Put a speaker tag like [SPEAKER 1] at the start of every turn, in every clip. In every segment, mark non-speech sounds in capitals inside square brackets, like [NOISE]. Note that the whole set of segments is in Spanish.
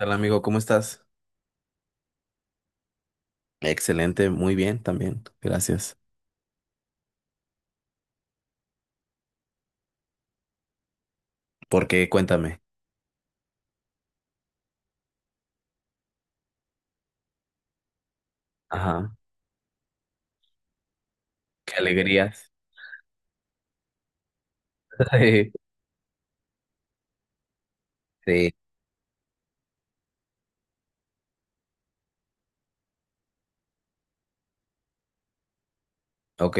[SPEAKER 1] Hola amigo, ¿cómo estás? Excelente, muy bien también, gracias. ¿Por qué? Cuéntame. Ajá, qué alegrías. [LAUGHS] Sí, sí. Ok.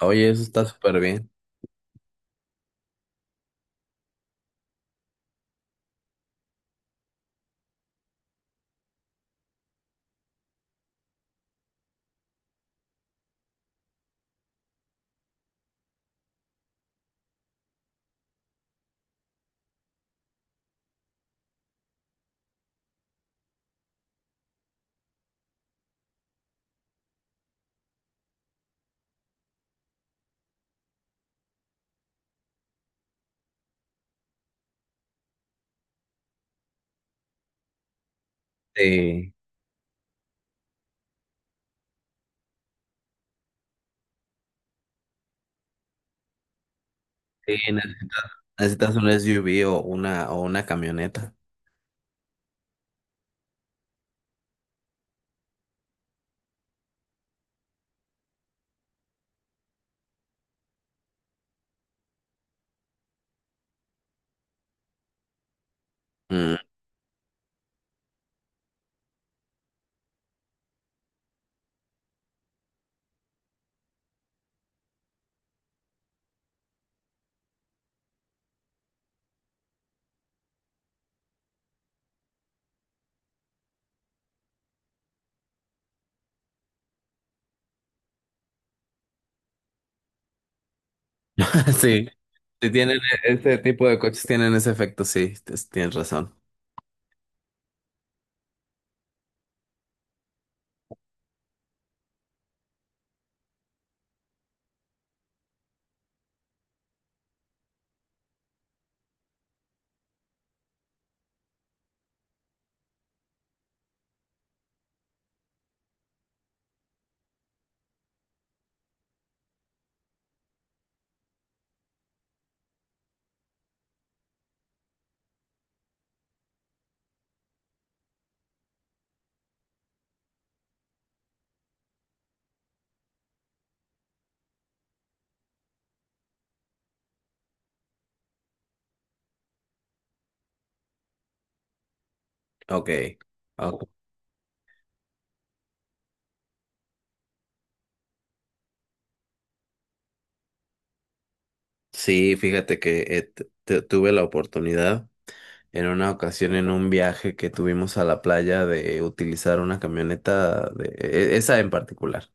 [SPEAKER 1] Oye, eso está súper bien. Sí, sí, neces- necesitas un SUV o una camioneta. Mm, [LAUGHS] Sí, si tienen este tipo de coches, tienen ese efecto, sí, tienes razón. Ok. Ok. Sí, fíjate que tuve la oportunidad en una ocasión en un viaje que tuvimos a la playa de utilizar una camioneta de esa en particular.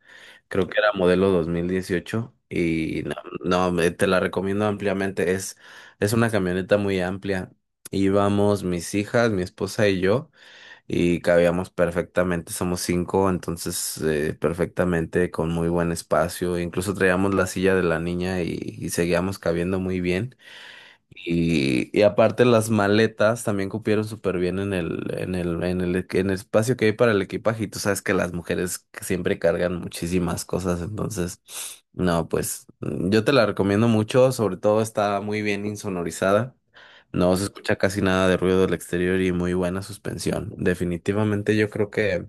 [SPEAKER 1] Creo que era modelo 2018 y no, no, te la recomiendo ampliamente. Es una camioneta muy amplia. Íbamos mis hijas, mi esposa y yo y cabíamos perfectamente. Somos cinco, entonces perfectamente con muy buen espacio. Incluso traíamos la silla de la niña y seguíamos cabiendo muy bien. Y aparte las maletas también cupieron súper bien en el espacio que hay para el equipaje. Y tú sabes que las mujeres siempre cargan muchísimas cosas, entonces, no, pues yo te la recomiendo mucho, sobre todo está muy bien insonorizada. No se escucha casi nada de ruido del exterior y muy buena suspensión. Definitivamente yo creo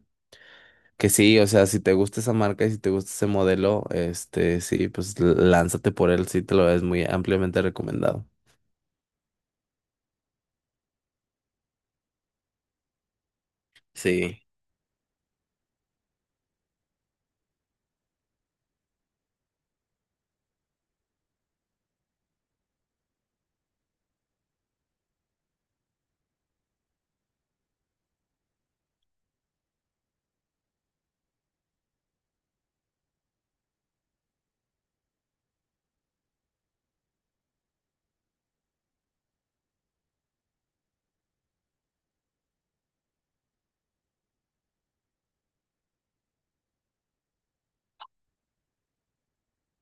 [SPEAKER 1] que sí, o sea, si te gusta esa marca y si te gusta ese modelo, este, sí, pues lánzate por él, sí te lo es muy ampliamente recomendado. Sí.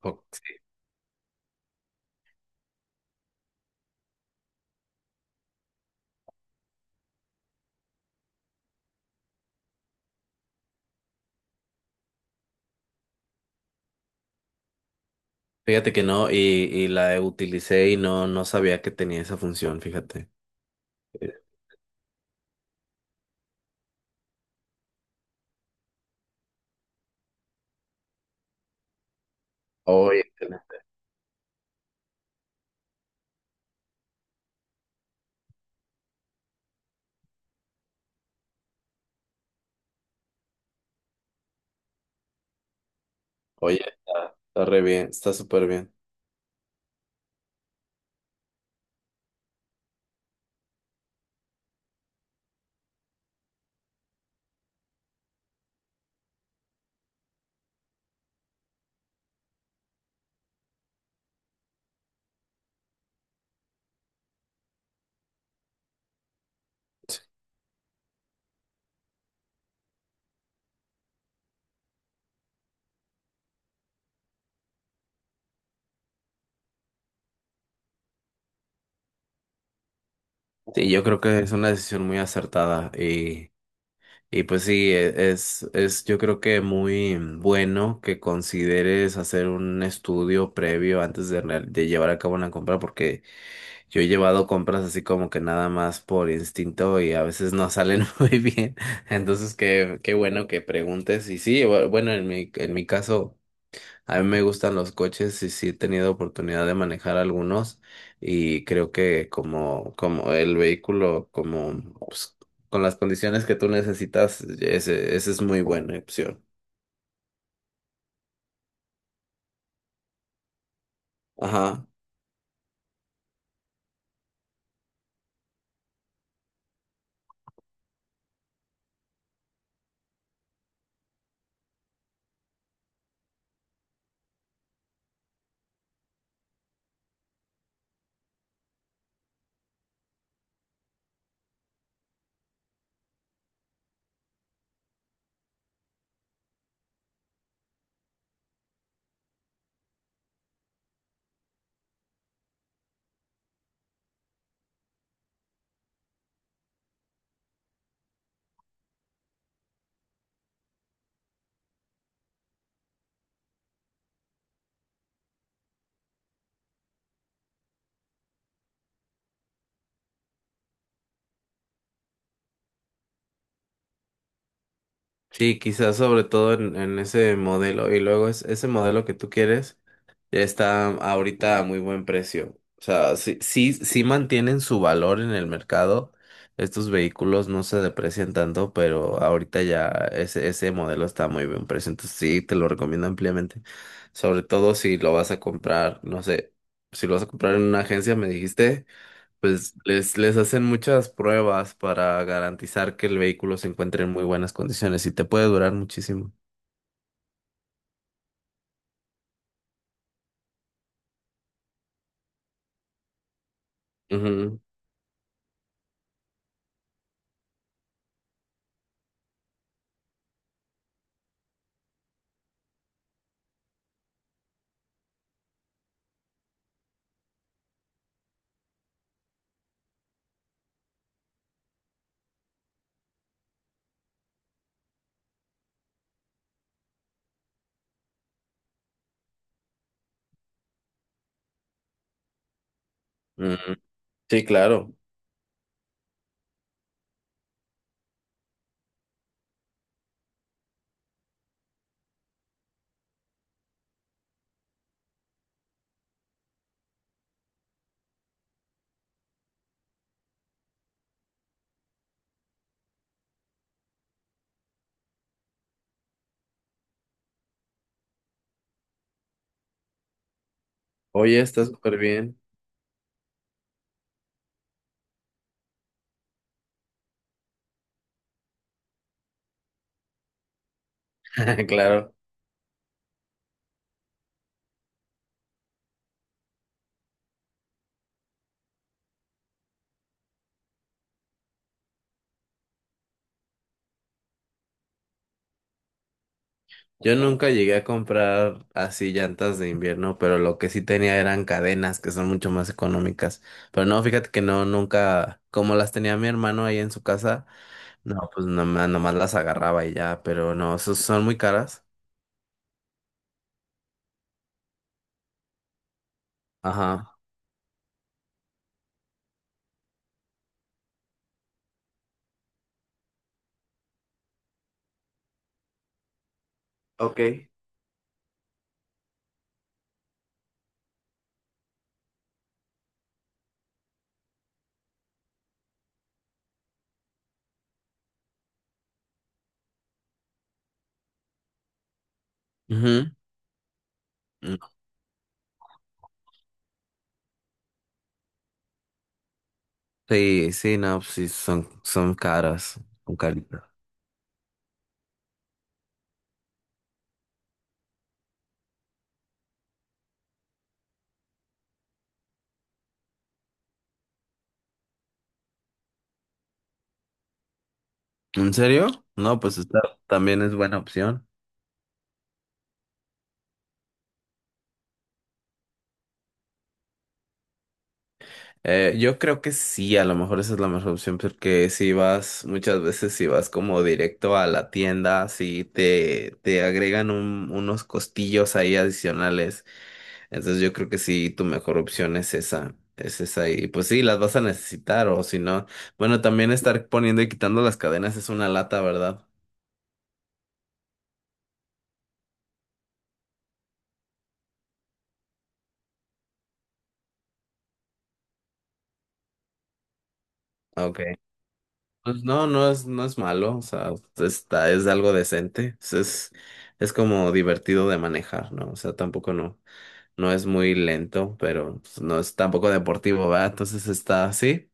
[SPEAKER 1] Oh, fíjate que no, y la utilicé y no, no sabía que tenía esa función, fíjate. Eh, Oye, tela. Oye, está, está re bien, está súper bien. Sí, yo creo que es una decisión muy acertada y pues sí, es yo creo que muy bueno que consideres hacer un estudio previo antes de, de llevar a cabo una compra porque yo he llevado compras así como que nada más por instinto y a veces no salen [LAUGHS] muy bien. Entonces, qué, qué bueno que preguntes. Y sí, bueno, en mi caso, a mí me gustan los coches y sí he tenido oportunidad de manejar algunos. Y creo que como, como el vehículo, como pues, con las condiciones que tú necesitas, ese es muy buena opción. Ajá. Sí, quizás sobre todo en ese modelo. Y luego es ese modelo que tú quieres. Está ahorita a muy buen precio. O sea, sí, sí, sí mantienen su valor en el mercado. Estos vehículos no se deprecian tanto, pero ahorita ya ese modelo está a muy buen precio. Entonces sí, te lo recomiendo ampliamente. Sobre todo si lo vas a comprar, no sé, si lo vas a comprar en una agencia, me dijiste, pues les hacen muchas pruebas para garantizar que el vehículo se encuentre en muy buenas condiciones y te puede durar muchísimo. Ujú, ujú. Sí, claro. Oye, está súper bien. [LAUGHS] Claro, yo nunca llegué a comprar así llantas de invierno, pero lo que sí tenía eran cadenas que son mucho más económicas. Pero no, fíjate que no, nunca, como las tenía mi hermano ahí en su casa, no, pues nomás, nomás las agarraba y ya, pero no, esos son muy caras. Ajá. Ok. Ujú. Mm. Sí, sí, no, pues sí, son, son caras, son caritas. ¿En serio? No, pues esta también es buena opción. Yo creo que sí, a lo mejor esa es la mejor opción, porque si vas, muchas veces si vas como directo a la tienda, si te, te agregan unos costillos ahí adicionales, entonces yo creo que sí, tu mejor opción es esa, y pues sí, las vas a necesitar, o si no, bueno, también estar poniendo y quitando las cadenas es una lata, ¿verdad? Ah, ok. Pues no, no es, no es malo, o sea, está, es algo decente, es es como divertido de manejar, ¿no? O sea, tampoco no. No es muy lento, pero pues, no es tampoco deportivo, ¿verdad? Entonces está así.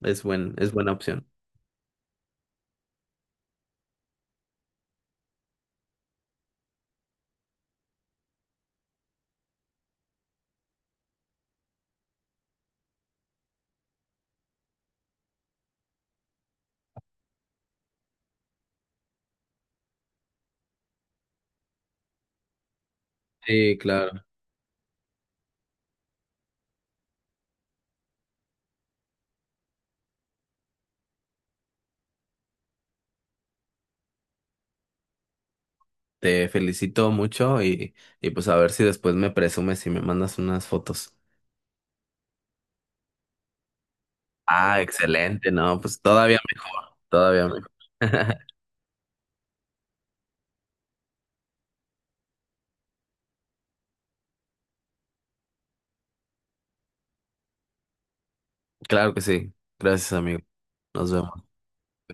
[SPEAKER 1] Es buena opción. Sí, claro. Te felicito mucho y pues a ver si después me presumes y me mandas unas fotos. Ah, excelente, no, pues todavía mejor, todavía mejor. [LAUGHS] Claro que sí. Gracias, amigo. Nos vemos.